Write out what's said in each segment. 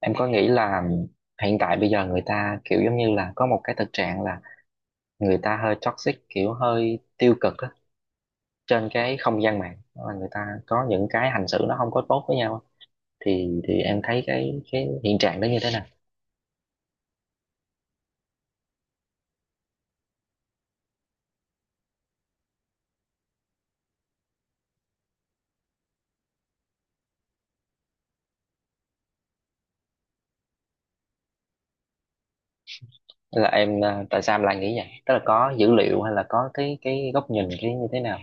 Em có nghĩ là hiện tại bây giờ người ta kiểu giống như là có một cái thực trạng là người ta hơi toxic kiểu hơi tiêu cực á, trên cái không gian mạng. Đó là người ta có những cái hành xử nó không có tốt với nhau á. Thì em thấy cái hiện trạng đó như thế nào? Hay là tại sao em lại nghĩ vậy? Tức là có dữ liệu hay là có cái góc nhìn cái như thế nào?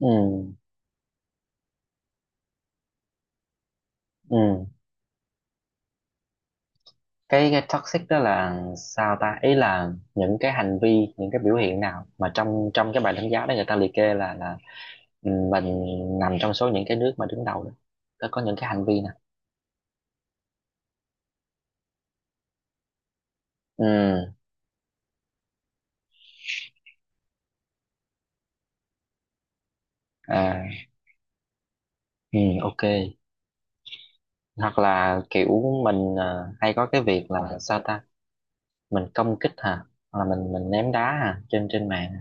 Ừ ừ Cái toxic đó là sao ta, ý là những cái hành vi, những cái biểu hiện nào mà trong trong cái bài đánh giá đó người ta liệt kê là Ừ, mình nằm trong số những cái nước mà đứng đầu đó, nó có những cái hành vi nè. Ừ. À, ừ, ok. Hoặc là kiểu hay có cái việc là sao ta, mình công kích hả? Hoặc là mình ném đá hả, trên trên mạng.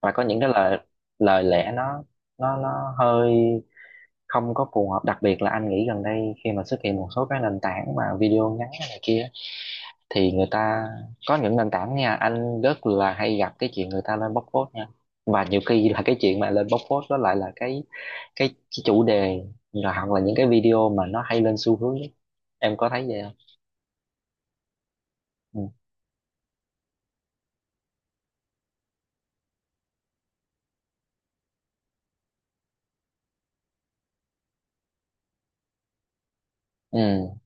Và có những cái lời lời lẽ nó nó hơi không có phù hợp. Đặc biệt là anh nghĩ gần đây khi mà xuất hiện một số cái nền tảng mà video ngắn hay này kia, thì người ta có những nền tảng nha, anh rất là hay gặp cái chuyện người ta lên bóc phốt nha. Và nhiều khi là cái chuyện mà lên bóc phốt đó lại là cái chủ đề, rồi hoặc là những cái video mà nó hay lên xu hướng nhất. Em có thấy vậy không? Ừ. Ừ.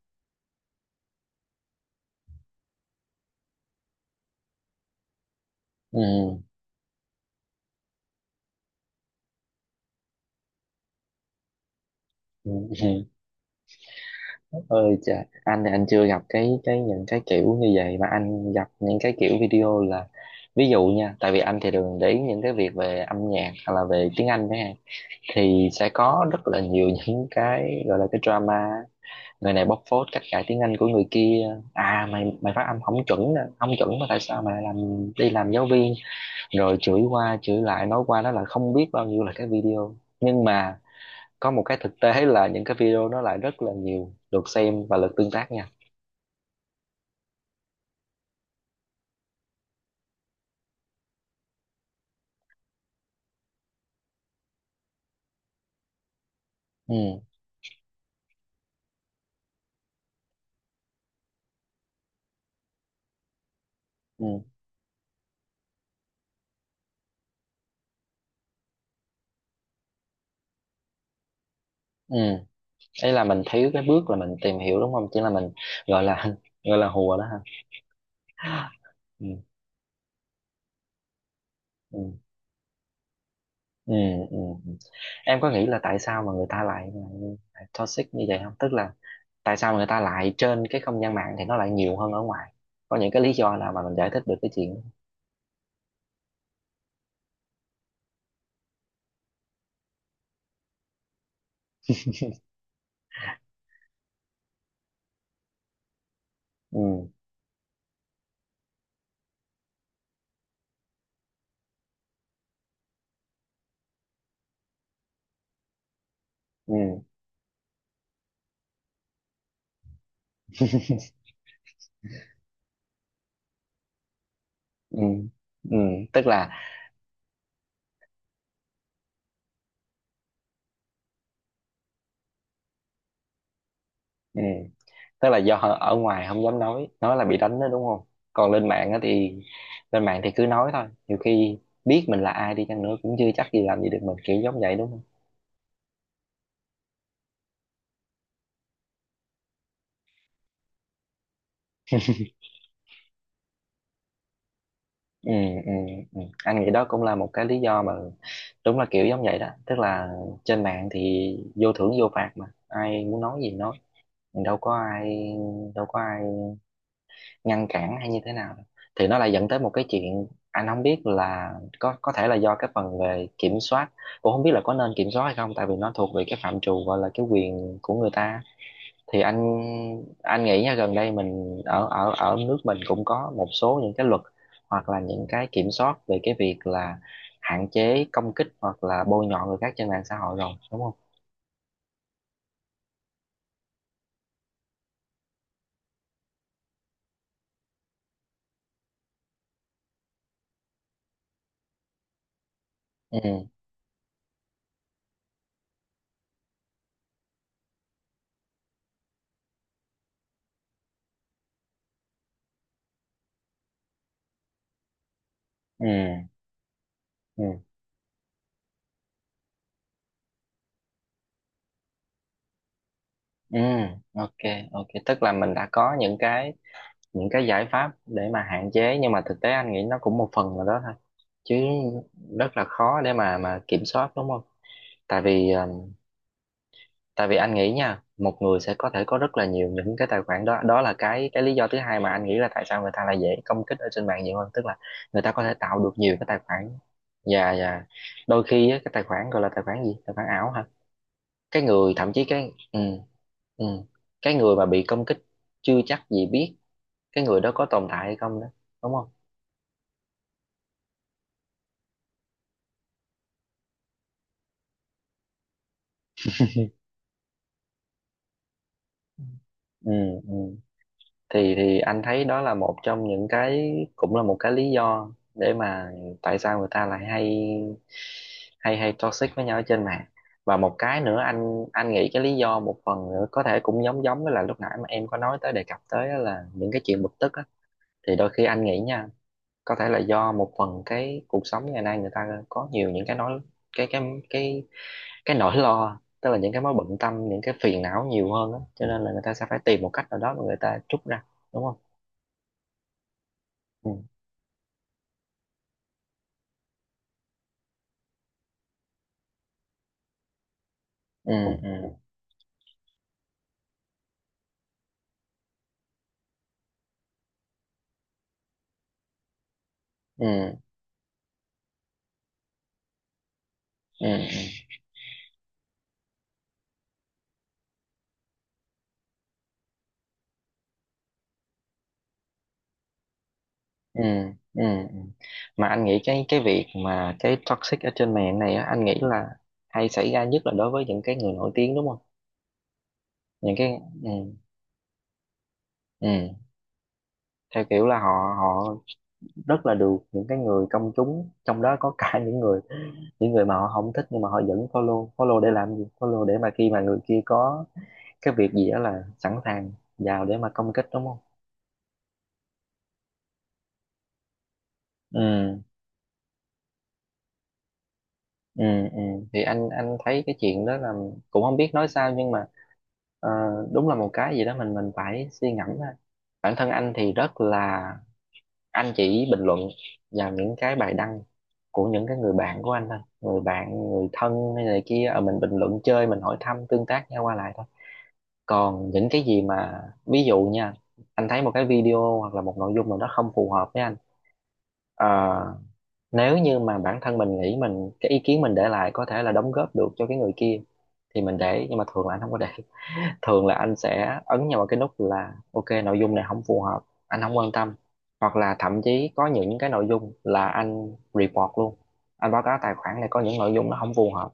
Ừ, ừ. Ừ. Ơi trời, anh chưa gặp cái những cái kiểu như vậy, mà anh gặp những cái kiểu video là, ví dụ nha, tại vì anh thì thường để ý những cái việc về âm nhạc hay là về tiếng Anh đấy ha, thì sẽ có rất là nhiều những cái gọi là cái drama. Người này bóc phốt cách cãi tiếng Anh của người kia. À, mày mày phát âm không chuẩn nè, không chuẩn mà tại sao mày làm đi làm giáo viên, rồi chửi qua chửi lại nói qua nó là không biết bao nhiêu là cái video. Nhưng mà có một cái thực tế là những cái video nó lại rất là nhiều lượt xem và lượt tương tác nha. Ừ. Ừ. Ừ, ấy là mình thiếu cái bước là mình tìm hiểu đúng không, chỉ là mình gọi là gọi là hùa đó ha. Ừ. Ừ. Ừ. Ừ. Ừ. Em có nghĩ là tại sao mà người ta lại, lại toxic như vậy không? Tức là tại sao mà người ta lại trên cái không gian mạng thì nó lại nhiều hơn ở ngoài? Có những cái lý do nào mà mình giải thích được cái chuyện đó? Ừ. Ừ. Ừ. Ừ, tức là ừ, tức là do ở ngoài không dám nói là bị đánh đó đúng không? Còn lên mạng á thì, lên mạng thì cứ nói thôi, nhiều khi biết mình là ai đi chăng nữa cũng chưa chắc gì làm gì được mình, kiểu giống vậy đúng không? Ừ, ừ, ừ. Anh nghĩ đó cũng là một cái lý do mà đúng là kiểu giống vậy đó. Tức là trên mạng thì vô thưởng vô phạt mà ai muốn nói gì nói, đâu có ai đâu có ai ngăn cản hay như thế nào. Thì nó lại dẫn tới một cái chuyện anh không biết là có thể là do cái phần về kiểm soát, cũng không biết là có nên kiểm soát hay không, tại vì nó thuộc về cái phạm trù gọi là cái quyền của người ta. Thì anh nghĩ nha, gần đây mình ở ở ở nước mình cũng có một số những cái luật hoặc là những cái kiểm soát về cái việc là hạn chế công kích hoặc là bôi nhọ người khác trên mạng xã hội rồi đúng không? Ừ. Ừ. Ừ. Ừ, ok. Ok, tức là mình đã có những cái, những cái giải pháp để mà hạn chế, nhưng mà thực tế anh nghĩ nó cũng một phần nào đó thôi, chứ rất là khó để mà kiểm soát đúng không? Tại vì tại vì anh nghĩ nha, một người sẽ có thể có rất là nhiều những cái tài khoản đó. Đó là cái lý do thứ hai mà anh nghĩ là tại sao người ta lại dễ công kích ở trên mạng nhiều hơn. Tức là người ta có thể tạo được nhiều cái tài khoản. Và đôi khi á, cái tài khoản gọi là tài khoản gì, tài khoản ảo hả? Cái người thậm chí cái ừ, cái người mà bị công kích chưa chắc gì biết cái người đó có tồn tại hay không đó, đúng không? Ừ, ừ. Thì anh thấy đó là một trong những cái, cũng là một cái lý do để mà tại sao người ta lại hay hay hay toxic với nhau ở trên mạng. Và một cái nữa, anh nghĩ cái lý do một phần nữa có thể cũng giống giống với là lúc nãy mà em có nói tới, đề cập tới á, là những cái chuyện bực tức á. Thì đôi khi anh nghĩ nha, có thể là do một phần cái cuộc sống ngày nay người ta có nhiều những cái nói cái cái cái cái nỗi lo, tức là những cái mối bận tâm, những cái phiền não nhiều hơn á, cho nên là người ta sẽ phải tìm một cách nào đó mà người ta trút ra, đúng không? Ừ. Ừ. Ừ. Ừ. Ừ. Ừ. Ừ. Ừ. Mà anh nghĩ cái việc mà cái toxic ở trên mạng này á, anh nghĩ là hay xảy ra nhất là đối với những cái người nổi tiếng, đúng không? Những cái ừ, ừ, theo kiểu là họ họ rất là được những cái người công chúng, trong đó có cả những người, những người mà họ không thích, nhưng mà họ vẫn follow. Follow để làm gì? Follow để mà khi mà người kia có cái việc gì đó là sẵn sàng vào để mà công kích, đúng không? Ừ. Ừ. Ừ, thì anh thấy cái chuyện đó là cũng không biết nói sao, nhưng mà ờ, đúng là một cái gì đó mình phải suy ngẫm ha. Bản thân anh thì rất là, anh chỉ bình luận vào những cái bài đăng của những cái người bạn của anh thôi, người bạn, người thân hay này kia, mình bình luận chơi, mình hỏi thăm tương tác nhau qua lại thôi. Còn những cái gì mà, ví dụ nha, anh thấy một cái video hoặc là một nội dung nào đó không phù hợp với anh, ờ, nếu như mà bản thân mình nghĩ mình cái ý kiến mình để lại có thể là đóng góp được cho cái người kia thì mình để. Nhưng mà thường là anh không có để, thường là anh sẽ ấn nhau vào cái nút là ok, nội dung này không phù hợp, anh không quan tâm. Hoặc là thậm chí có những cái nội dung là anh report luôn, anh báo cáo tài khoản này có những nội dung nó không phù hợp.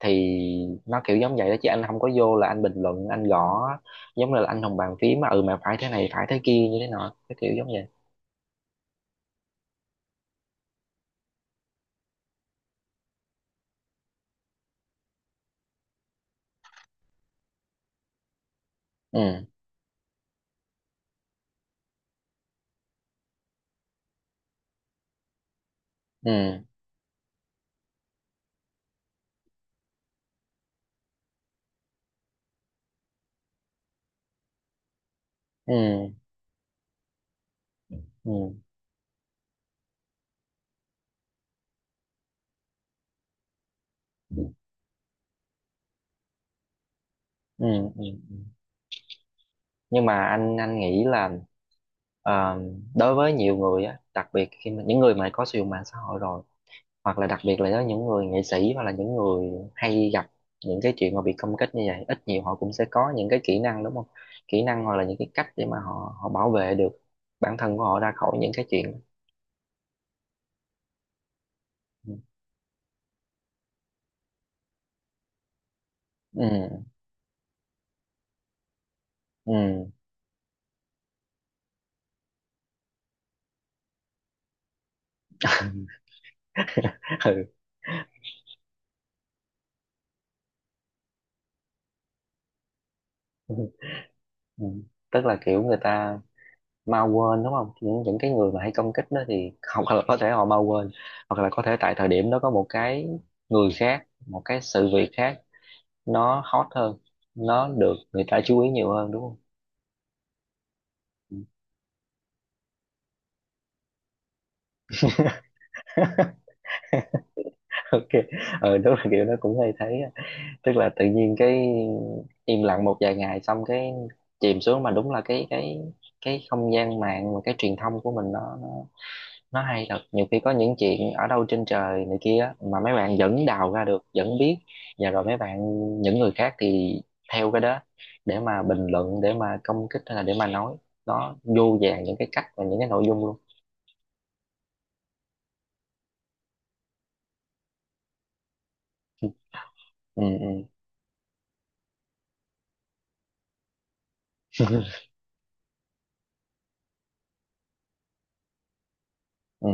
Thì nó kiểu giống vậy đó, chứ anh không có vô là anh bình luận, anh gõ giống như là anh hùng bàn phím mà ừ mà phải thế này, phải thế kia như thế nọ cái kiểu giống vậy. Ừ. Ừ. Ừ. Ừ. Ừ. Ừ. Ừ. Nhưng mà anh nghĩ là ờ, đối với nhiều người á, đặc biệt khi mà những người mà có sử dụng mạng xã hội rồi, hoặc là đặc biệt là với những người nghệ sĩ hoặc là những người hay gặp những cái chuyện mà bị công kích như vậy, ít nhiều họ cũng sẽ có những cái kỹ năng đúng không? Kỹ năng hoặc là những cái cách để mà họ họ bảo vệ được bản thân của họ ra khỏi những cái chuyện. Ừ. Ừ. Ừ, ừ. Ừ. Tức là kiểu người ta mau quên đúng không, những cái người mà hay công kích đó thì, hoặc là có thể họ mau quên, hoặc là có thể tại thời điểm đó có một cái người khác, một cái sự việc khác nó hot hơn, nó được người ta chú ý nhiều hơn, đúng không? Ok. Ừ, đúng là kiểu nó cũng hay thấy á. Tức là tự nhiên cái im lặng một vài ngày xong cái chìm xuống. Mà đúng là cái cái không gian mạng và cái truyền thông của mình nó nó hay thật, nhiều khi có những chuyện ở đâu trên trời này kia á, mà mấy bạn vẫn đào ra được, vẫn biết. Và rồi mấy bạn, những người khác thì theo cái đó để mà bình luận, để mà công kích, hay là để mà nói. Nó vô vàn những cái cách và những cái nội dung luôn. Ừ. Ừ. Ừ,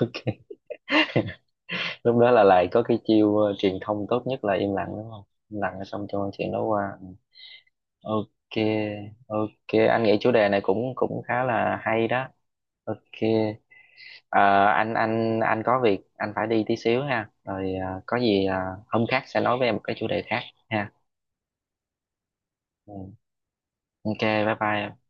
ok. Lúc đó là lại có cái chiêu truyền thông tốt nhất là im lặng đúng không? Im lặng xong cho chuyện đó qua. Ok. Ok, anh nghĩ chủ đề này cũng cũng khá là hay đó. Ok. Ờ, anh có việc anh phải đi tí xíu ha, rồi có gì hôm khác sẽ nói với em một cái chủ đề khác ha. Ừ. Ok, bye bye.